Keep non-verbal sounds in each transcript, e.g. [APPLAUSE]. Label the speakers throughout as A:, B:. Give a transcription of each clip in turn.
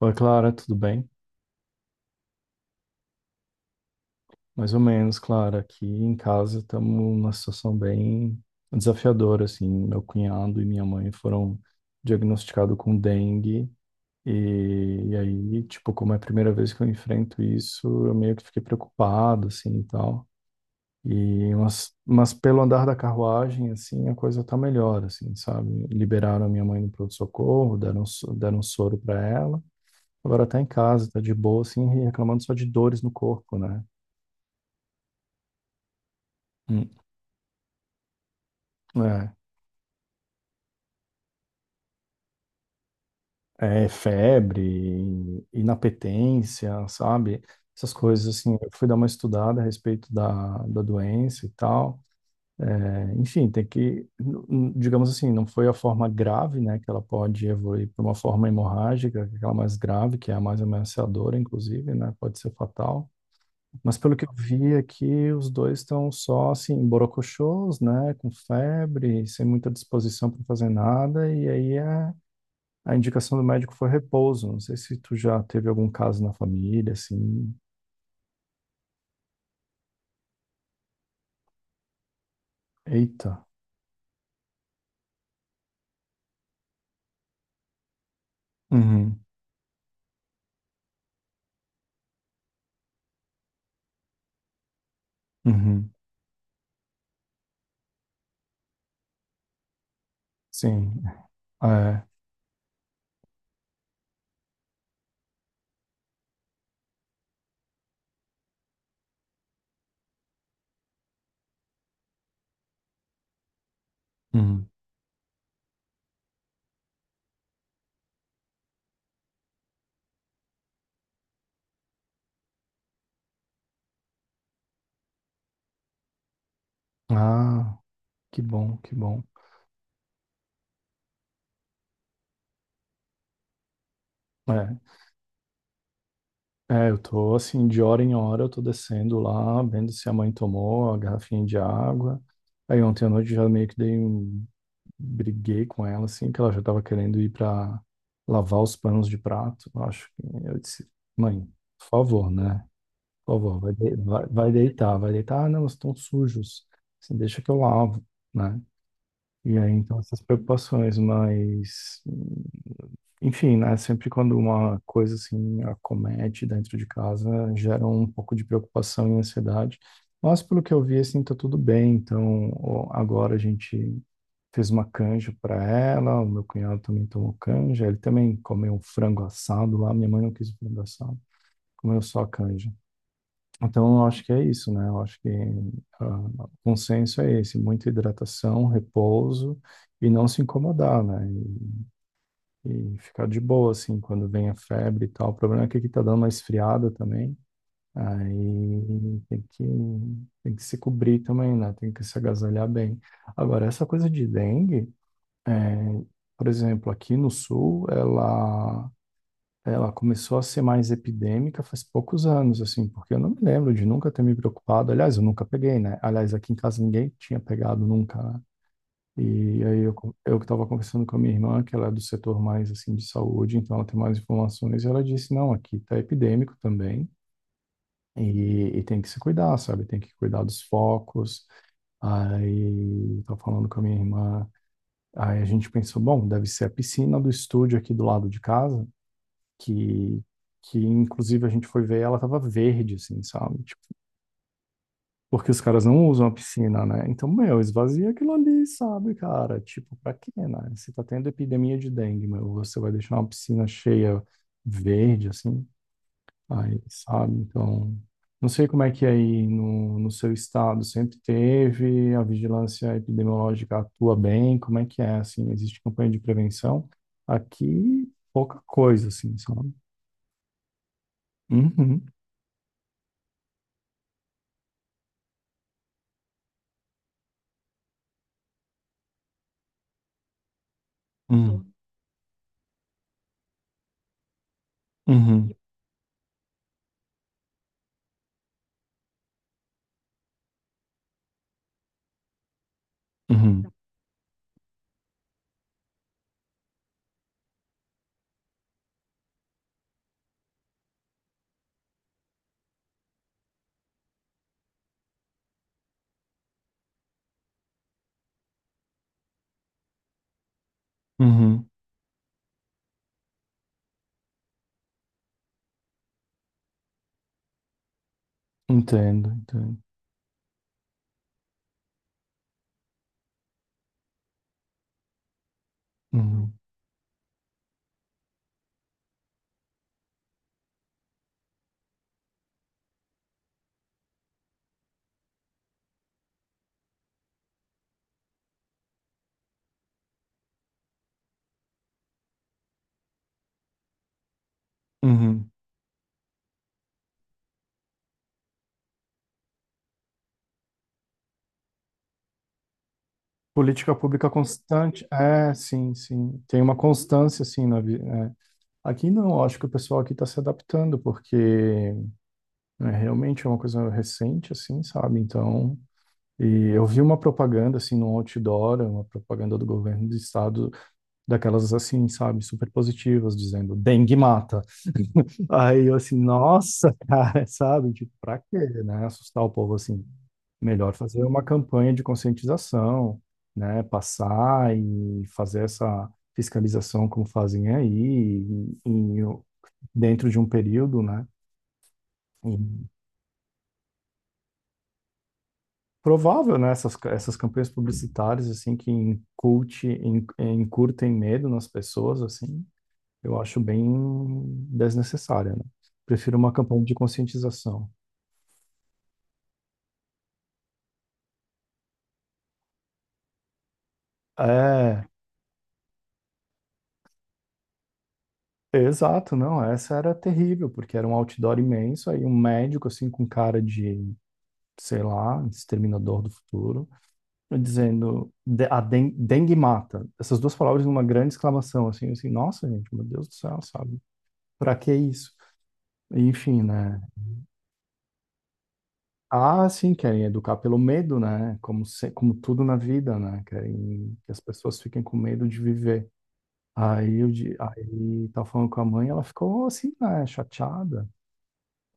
A: Oi, Clara, tudo bem? Mais ou menos, Clara. Aqui em casa estamos numa situação bem desafiadora, assim. Meu cunhado e minha mãe foram diagnosticados com dengue e aí, tipo, como é a primeira vez que eu enfrento isso, eu meio que fiquei preocupado, assim, e tal. E mas pelo andar da carruagem, assim, a coisa tá melhor, assim, sabe? Liberaram a minha mãe do pronto-socorro, deram um soro para ela. Agora tá em casa, tá de boa, assim, reclamando só de dores no corpo, né? Hum, é, é febre, inapetência, sabe? Essas coisas assim. Eu fui dar uma estudada a respeito da doença e tal. É, enfim, tem que, digamos assim, não foi a forma grave, né? Que ela pode evoluir para uma forma hemorrágica, que é aquela mais grave, que é a mais ameaçadora, inclusive, né? Pode ser fatal. Mas pelo que eu vi aqui, os dois estão só assim, borocochôs, né? Com febre, sem muita disposição para fazer nada, e aí é. A indicação do médico foi repouso. Não sei se tu já teve algum caso na família, assim. Eita. Uhum, uhum. Sim. É. Uhum. Ah, que bom, que bom. É, eu tô assim, de hora em hora, eu tô descendo lá, vendo se a mãe tomou a garrafinha de água. Aí ontem à noite já meio que dei um... briguei com ela, assim, que ela já tava querendo ir pra lavar os panos de prato. Eu acho que eu disse, mãe, por favor, né? Pô, vó, vai, vai, vai deitar, vai deitar. Ah, não, estão sujos. Assim, deixa que eu lavo, né? E aí, então, essas preocupações, mas, enfim, né? Sempre quando uma coisa assim acomete dentro de casa, gera um pouco de preocupação e ansiedade. Mas, pelo que eu vi, assim, tá tudo bem. Então, ó, agora a gente fez uma canja para ela, o meu cunhado também tomou canja, ele também comeu um frango assado lá. Minha mãe não quis o frango assado, comeu só a canja. Então, eu acho que é isso, né? Eu acho que ah, o consenso é esse, muita hidratação, repouso e não se incomodar, né? E ficar de boa, assim, quando vem a febre e tal. O problema é que aqui tá dando uma esfriada também, aí tem que se cobrir também, né? Tem que se agasalhar bem. Agora, essa coisa de dengue, é, por exemplo, aqui no sul, ela começou a ser mais epidêmica faz poucos anos, assim, porque eu não me lembro de nunca ter me preocupado. Aliás, eu nunca peguei, né? Aliás, aqui em casa ninguém tinha pegado nunca, né? E aí eu que estava conversando com a minha irmã, que ela é do setor mais, assim, de saúde, então ela tem mais informações, e ela disse, não, aqui tá epidêmico também, e tem que se cuidar, sabe? Tem que cuidar dos focos. Aí, estava falando com a minha irmã, aí a gente pensou, bom, deve ser a piscina do estúdio aqui do lado de casa, que, que inclusive a gente foi ver, e ela tava verde, assim, sabe? Tipo, porque os caras não usam a piscina, né? Então, meu, esvazia aquilo ali, sabe, cara? Tipo, pra quê, né? Você tá tendo epidemia de dengue, meu, você vai deixar uma piscina cheia verde, assim, aí, sabe? Então, não sei como é que é aí no seu estado sempre teve, a vigilância epidemiológica atua bem, como é que é, assim, existe campanha de prevenção? Aqui, pouca coisa, assim, sabe? Uhum, uhum. Uhum, uhum, uhum. Entendo, entendo. Uhum, então, uhum. Política pública constante, é, sim, sim. Tem uma constância, assim, na vida. Aqui não, eu acho que o pessoal aqui está se adaptando, porque é, realmente é uma coisa recente, assim, sabe? Então, e eu vi uma propaganda, assim, no outdoor, uma propaganda do governo do estado, daquelas, assim, sabe, super positivas, dizendo dengue mata. Aí eu assim, nossa, cara, [LAUGHS] sabe? Tipo, pra quê, né? Assustar o povo assim. Melhor fazer uma campanha de conscientização, né? Passar e fazer essa fiscalização como fazem aí, dentro de um período, né? E provável, né? Essas, essas campanhas publicitárias, assim, que incutem medo nas pessoas, assim, eu acho bem desnecessária, né? Prefiro uma campanha de conscientização. É, exato, não, essa era terrível, porque era um outdoor imenso, aí um médico, assim, com cara de, sei lá, exterminador do futuro, dizendo, dengue mata." Essas duas palavras numa grande exclamação, assim, assim, nossa, gente, meu Deus do céu, sabe? Pra que isso? Enfim, né? Ah, sim, querem educar pelo medo, né? Como, se, como tudo na vida, né? Querem que as pessoas fiquem com medo de viver. Aí tava falando com a mãe, ela ficou assim, né, chateada.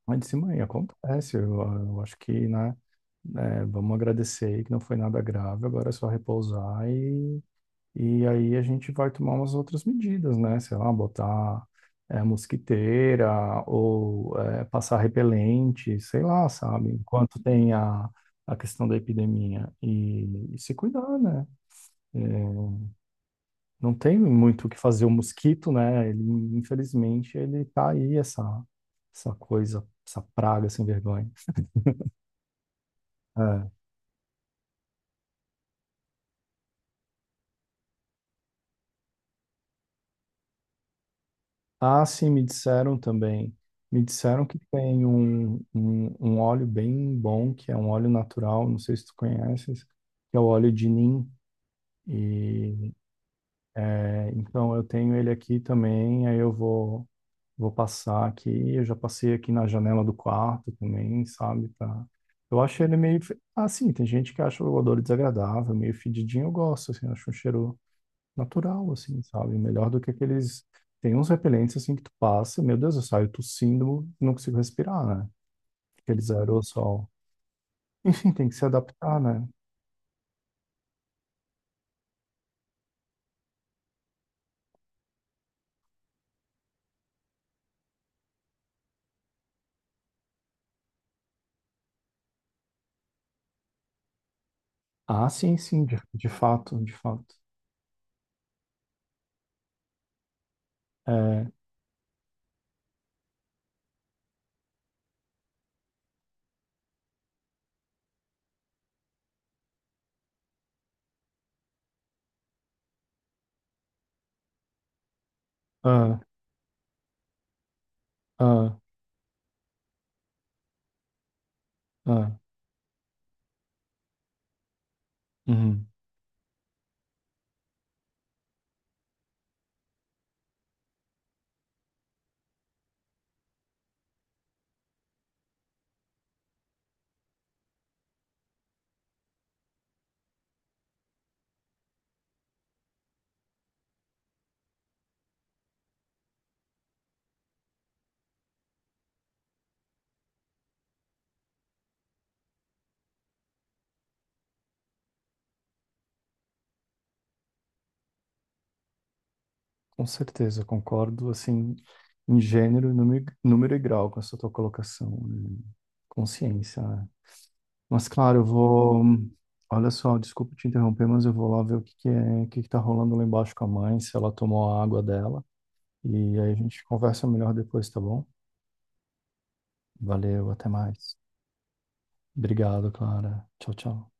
A: Mas sim, mãe, acontece. Eu acho que, né, né, vamos agradecer aí que não foi nada grave, agora é só repousar e aí a gente vai tomar umas outras medidas, né? Sei lá, botar é, mosquiteira ou é, passar repelente, sei lá, sabe? Enquanto tem a questão da epidemia e se cuidar, né? É, não tem muito o que fazer o mosquito, né? Ele, infelizmente, ele tá aí, essa coisa, essa praga sem vergonha. É. Ah, sim, me disseram também. Me disseram que tem um óleo bem bom, que é um óleo natural, não sei se tu conheces, que é o óleo de Nim. E é, então eu tenho ele aqui também, aí eu vou, vou passar aqui. Eu já passei aqui na janela do quarto também, sabe? Pra... Eu acho ele meio. Ah, sim, tem gente que acha o odor desagradável, meio fedidinho, eu gosto, assim, acho um cheiro natural, assim, sabe? Melhor do que aqueles. Tem uns repelentes, assim, que tu passa, meu Deus, eu saio tossindo, não consigo respirar, né? Aqueles aerossol. Enfim, tem que se adaptar, né? Ah, sim, sim, de fato, de fato. É, ah, ah, ah, uhum. Com certeza, concordo, assim, em gênero, número, número e grau com essa tua colocação, né? Consciência, né? Mas claro, eu vou. Olha só, desculpa te interromper, mas eu vou lá ver o que que é, o que que tá rolando lá embaixo com a mãe, se ela tomou a água dela. E aí a gente conversa melhor depois, tá bom? Valeu, até mais. Obrigado, Clara. Tchau, tchau.